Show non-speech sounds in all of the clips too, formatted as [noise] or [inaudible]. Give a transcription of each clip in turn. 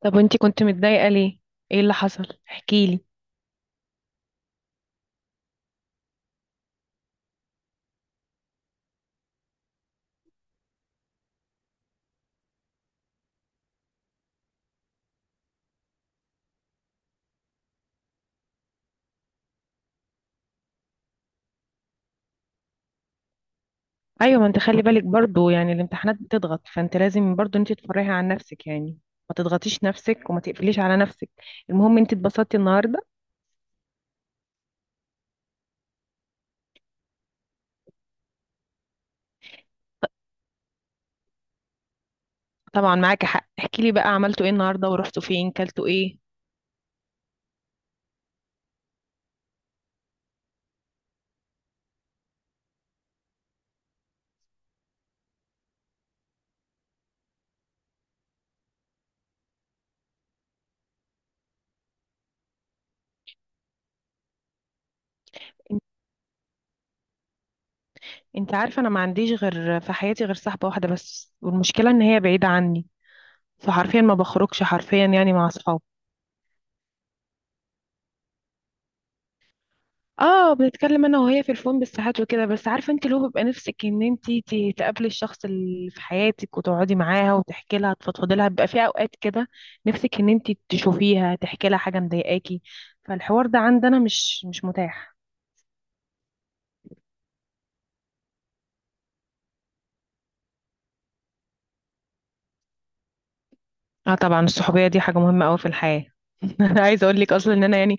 طب وانتي كنت متضايقة ليه؟ ايه اللي حصل؟ احكيلي. ايوه ما انت خلي بالك برضو، يعني الامتحانات بتضغط فانت لازم برضو انت تفرحي عن نفسك يعني. ما تضغطيش نفسك وما تقفليش على نفسك. المهم انت اتبسطتي النهارده. طبعا معاكي حق، احكيلي بقى عملتوا ايه النهارده ورحتوا فين كلتوا ايه. ان- انت عارفة انا ما عنديش غير في حياتي غير صاحبة واحدة بس، والمشكلة ان هي بعيدة عني، فحرفيا ما بخرجش حرفيا يعني مع اصحابي. اه بنتكلم انا وهي في الفون بالساعات وكده، بس عارفه انت لو بيبقى نفسك ان انت تقابلي الشخص اللي في حياتك وتقعدي معاها وتحكي لها تفضفضي لها، بيبقى في اوقات كده نفسك ان انت تشوفيها تحكي لها حاجه مضايقاكي. فالحوار ده عندنا مش متاح. اه طبعا الصحوبيه دي حاجه مهمه قوي في الحياه. [laughs] انا عايزه اقول لك اصلا ان انا يعني،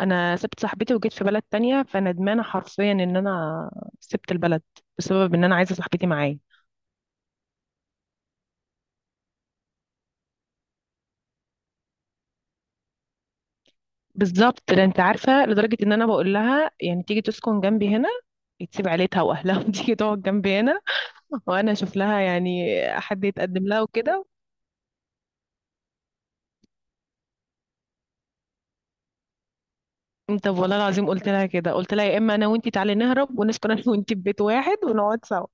انا سبت صاحبتي وجيت في بلد تانية فندمانه حرفيا ان انا سبت البلد بسبب ان انا عايزه صاحبتي معايا. بالظبط ده، انت عارفه لدرجه ان انا بقول لها يعني تيجي تسكن جنبي هنا، تسيب عيلتها واهلها [laughs] وتيجي تقعد جنبي هنا، وانا اشوف لها يعني حد يتقدم لها وكده. انت والله العظيم قلت لها كده، قلت لها يا اما انا وانتي تعالي نهرب ونسكن انا وانتي في بيت واحد ونقعد سوا.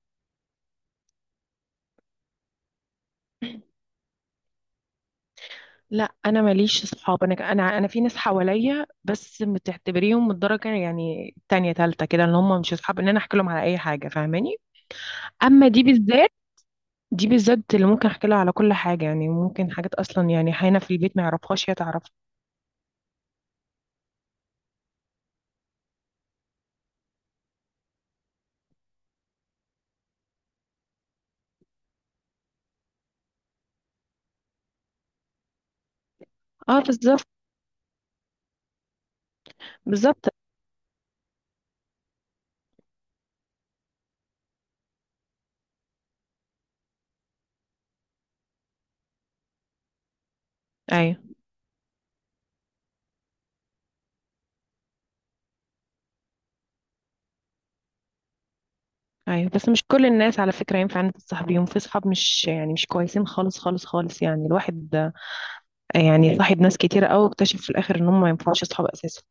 لا انا ماليش صحاب، انا في ناس حواليا بس بتعتبريهم من الدرجه يعني تانية تالتة كده، ان هم مش اصحاب ان انا احكي لهم على اي حاجه، فاهماني. اما دي بالذات، دي بالذات اللي ممكن احكي لها على كل حاجة، يعني ممكن حاجات اصلا يعني حينا في البيت ما يعرفهاش هي تعرفها. اه بالظبط. بالظبط. ايوه، ايوه بس مش كل الناس على فكرة ينفع انت تصاحبيهم، في صحاب مش يعني مش كويسين خالص خالص خالص، يعني الواحد يعني صاحب ناس كتيرة قوي واكتشف في الاخر ان هم ما ينفعوش اصحاب اساسا.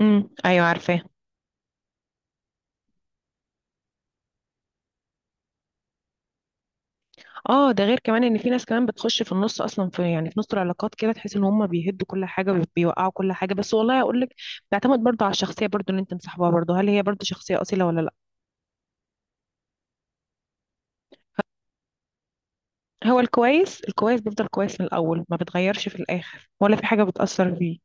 ايوه عارفاه. اه ده غير كمان ان في ناس كمان بتخش في النص اصلا، في يعني في نص العلاقات كده، تحس ان هم بيهدوا كل حاجه وبيوقعوا كل حاجه، بس والله اقول لك بيعتمد برضه على الشخصيه برضه اللي انت مصاحبها برضه، هل هي برضه شخصيه اصيله ولا لا. هو الكويس الكويس بيفضل كويس من الأول، ما بتغيرش في الآخر ولا في حاجة بتأثر فيه.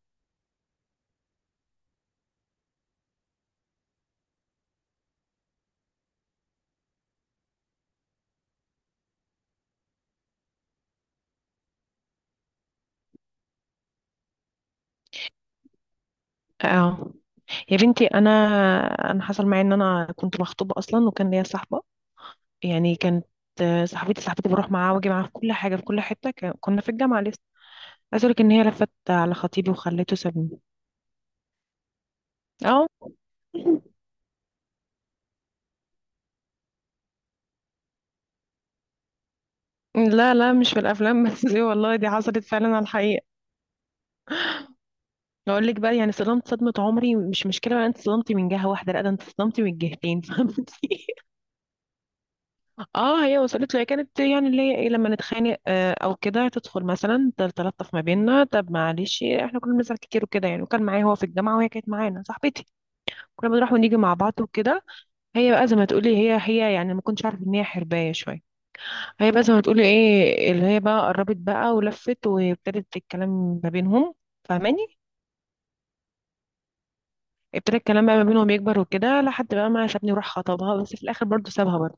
اه يا بنتي، أنا حصل معايا إن أنا كنت مخطوبة أصلا وكان ليا صاحبة، يعني كانت صاحبتي بروح معاها واجي معاها في كل حاجة في كل حتة، كنا في الجامعة لسه. عايز أقولك إن هي لفت على خطيبي وخلته سابني. اه لا لا مش في الأفلام بس، [laughs] دي والله دي حصلت فعلا على الحقيقة. أقول لك بقى يعني صدمت صدمة عمري، مش مشكلة بقى أنت صدمتي من جهة واحدة، لا ده أنت صدمتي من جهتين [laughs] فهمتي. اه هي وصلت له، هي كانت يعني اللي هي ايه لما نتخانق او كده تدخل مثلا تلطف ما بيننا، طب معلش احنا كنا بنزعل كتير وكده يعني، وكان معايا هو في الجامعه وهي كانت معانا صاحبتي، كنا بنروح ونيجي مع بعض وكده. هي بقى زي ما تقولي هي يعني ما كنتش عارفه ان هي حربايه شويه. هي بقى زي ما تقولي ايه اللي هي بقى قربت بقى ولفت وابتدت الكلام ما بينهم، فاهماني. ابتدى الكلام بقى ما بينهم يكبر وكده لحد بقى ما سابني وراح خطبها، بس في الاخر برضه سابها برضه.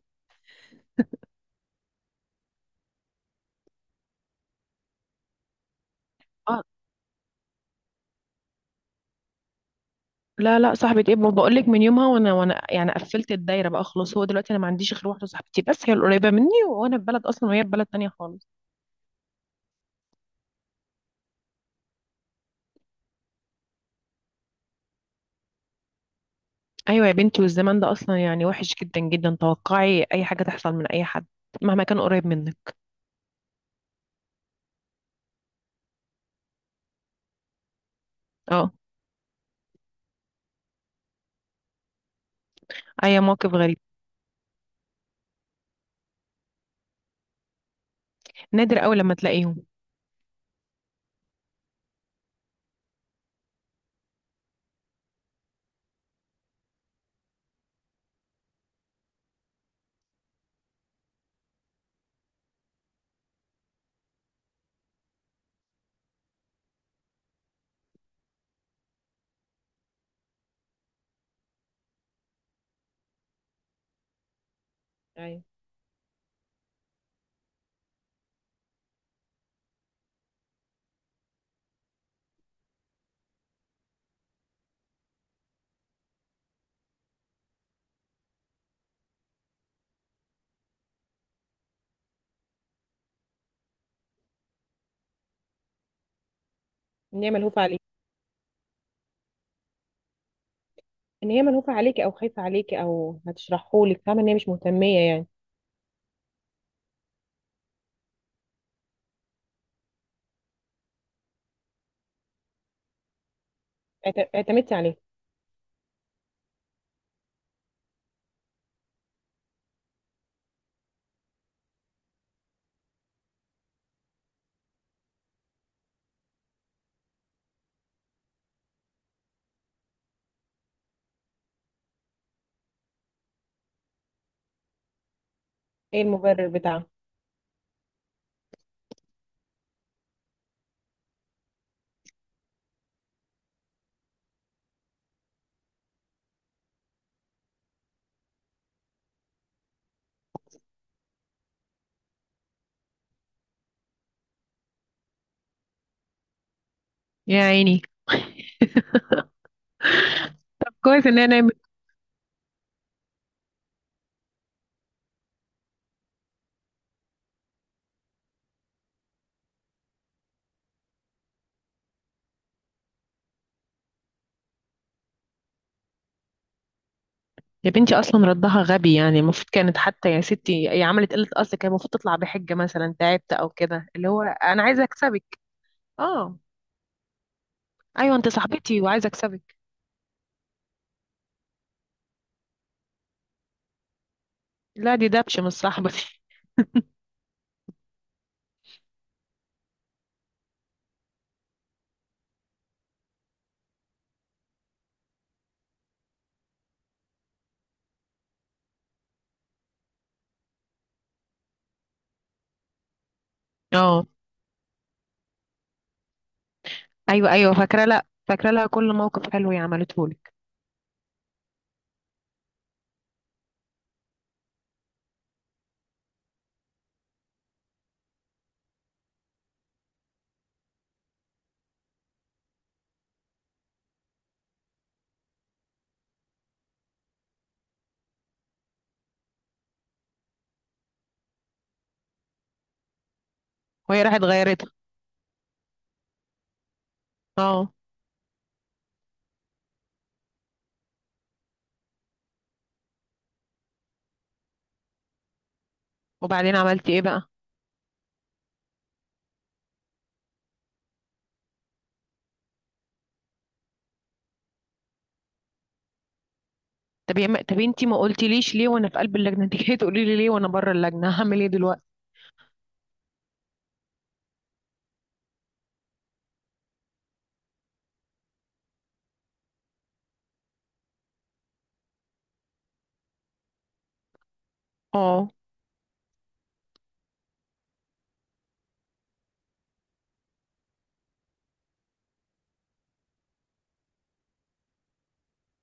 اه لا لا، صاحبة ايه، بقول لك من يومها وانا يعني قفلت الدايرة بقى خلاص، هو دلوقتي انا ما عنديش غير واحدة صاحبتي بس هي القريبة مني، وانا في بلد اصلا وهي في بلد تانية خالص. ايوه يا بنتي، والزمان ده اصلا يعني وحش جدا جدا، توقعي اي حاجة تحصل من اي حد مهما كان قريب منك. اه اي موقف غريب. نادر قوي لما تلاقيهم. ايوه ان هي ملهوفه عليك. ان هي ملهوفه عليكي او خايفه عليكي او هتشرحهولك، فاهمه ان هي مش مهتميه يعني. اعتمدتي عليها. ايه المبرر بتاعها. يا عيني. [laughs] كويس ان انا. يا بنتي اصلا ردها غبي، يعني المفروض كانت حتى يا ستي، هي عملت قله، اصل كان المفروض تطلع بحجه مثلا تعبت او كده، اللي هو انا عايزه اكسبك. اه. ايوه انت صاحبتي وعايزه اكسبك. لا دي دبش مش صاحبتي. [laughs] اه. ايوه ايوه فاكره. لا، فاكره لها كل موقف حلو هي عملته لك. وهي راحت غيرته. اه. وبعدين عملتي ايه بقى. طب طب انتي ما قلتيليش ليه وانا في قلب اللجنه؟ [laughs] انت جايه تقولي لي ليه وانا بره اللجنه، هعمل ايه دلوقتي؟ اه.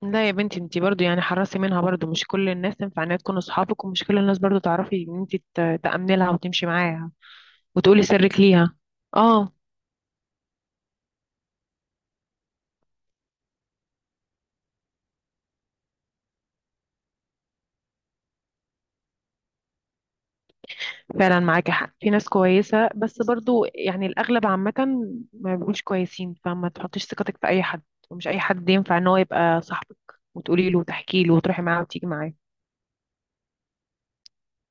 لا يا بنتي انتي برضو يعني حرصي منها برضو، مش كل الناس تنفع انها تكون اصحابك، ومش كل الناس برضو تعرفي ان انتي تأمني لها وتمشي معاها وتقولي سرك ليها. اه فعلا معاكي حق، في ناس كويسة بس برضو يعني الأغلب عامة ما بيبقوش كويسين، فما تحطيش ثقتك في أي حد، ومش أي حد ينفع ان هو يبقى صاحبك وتقولي له وتحكي له وتروحي معاه وتيجي معاه.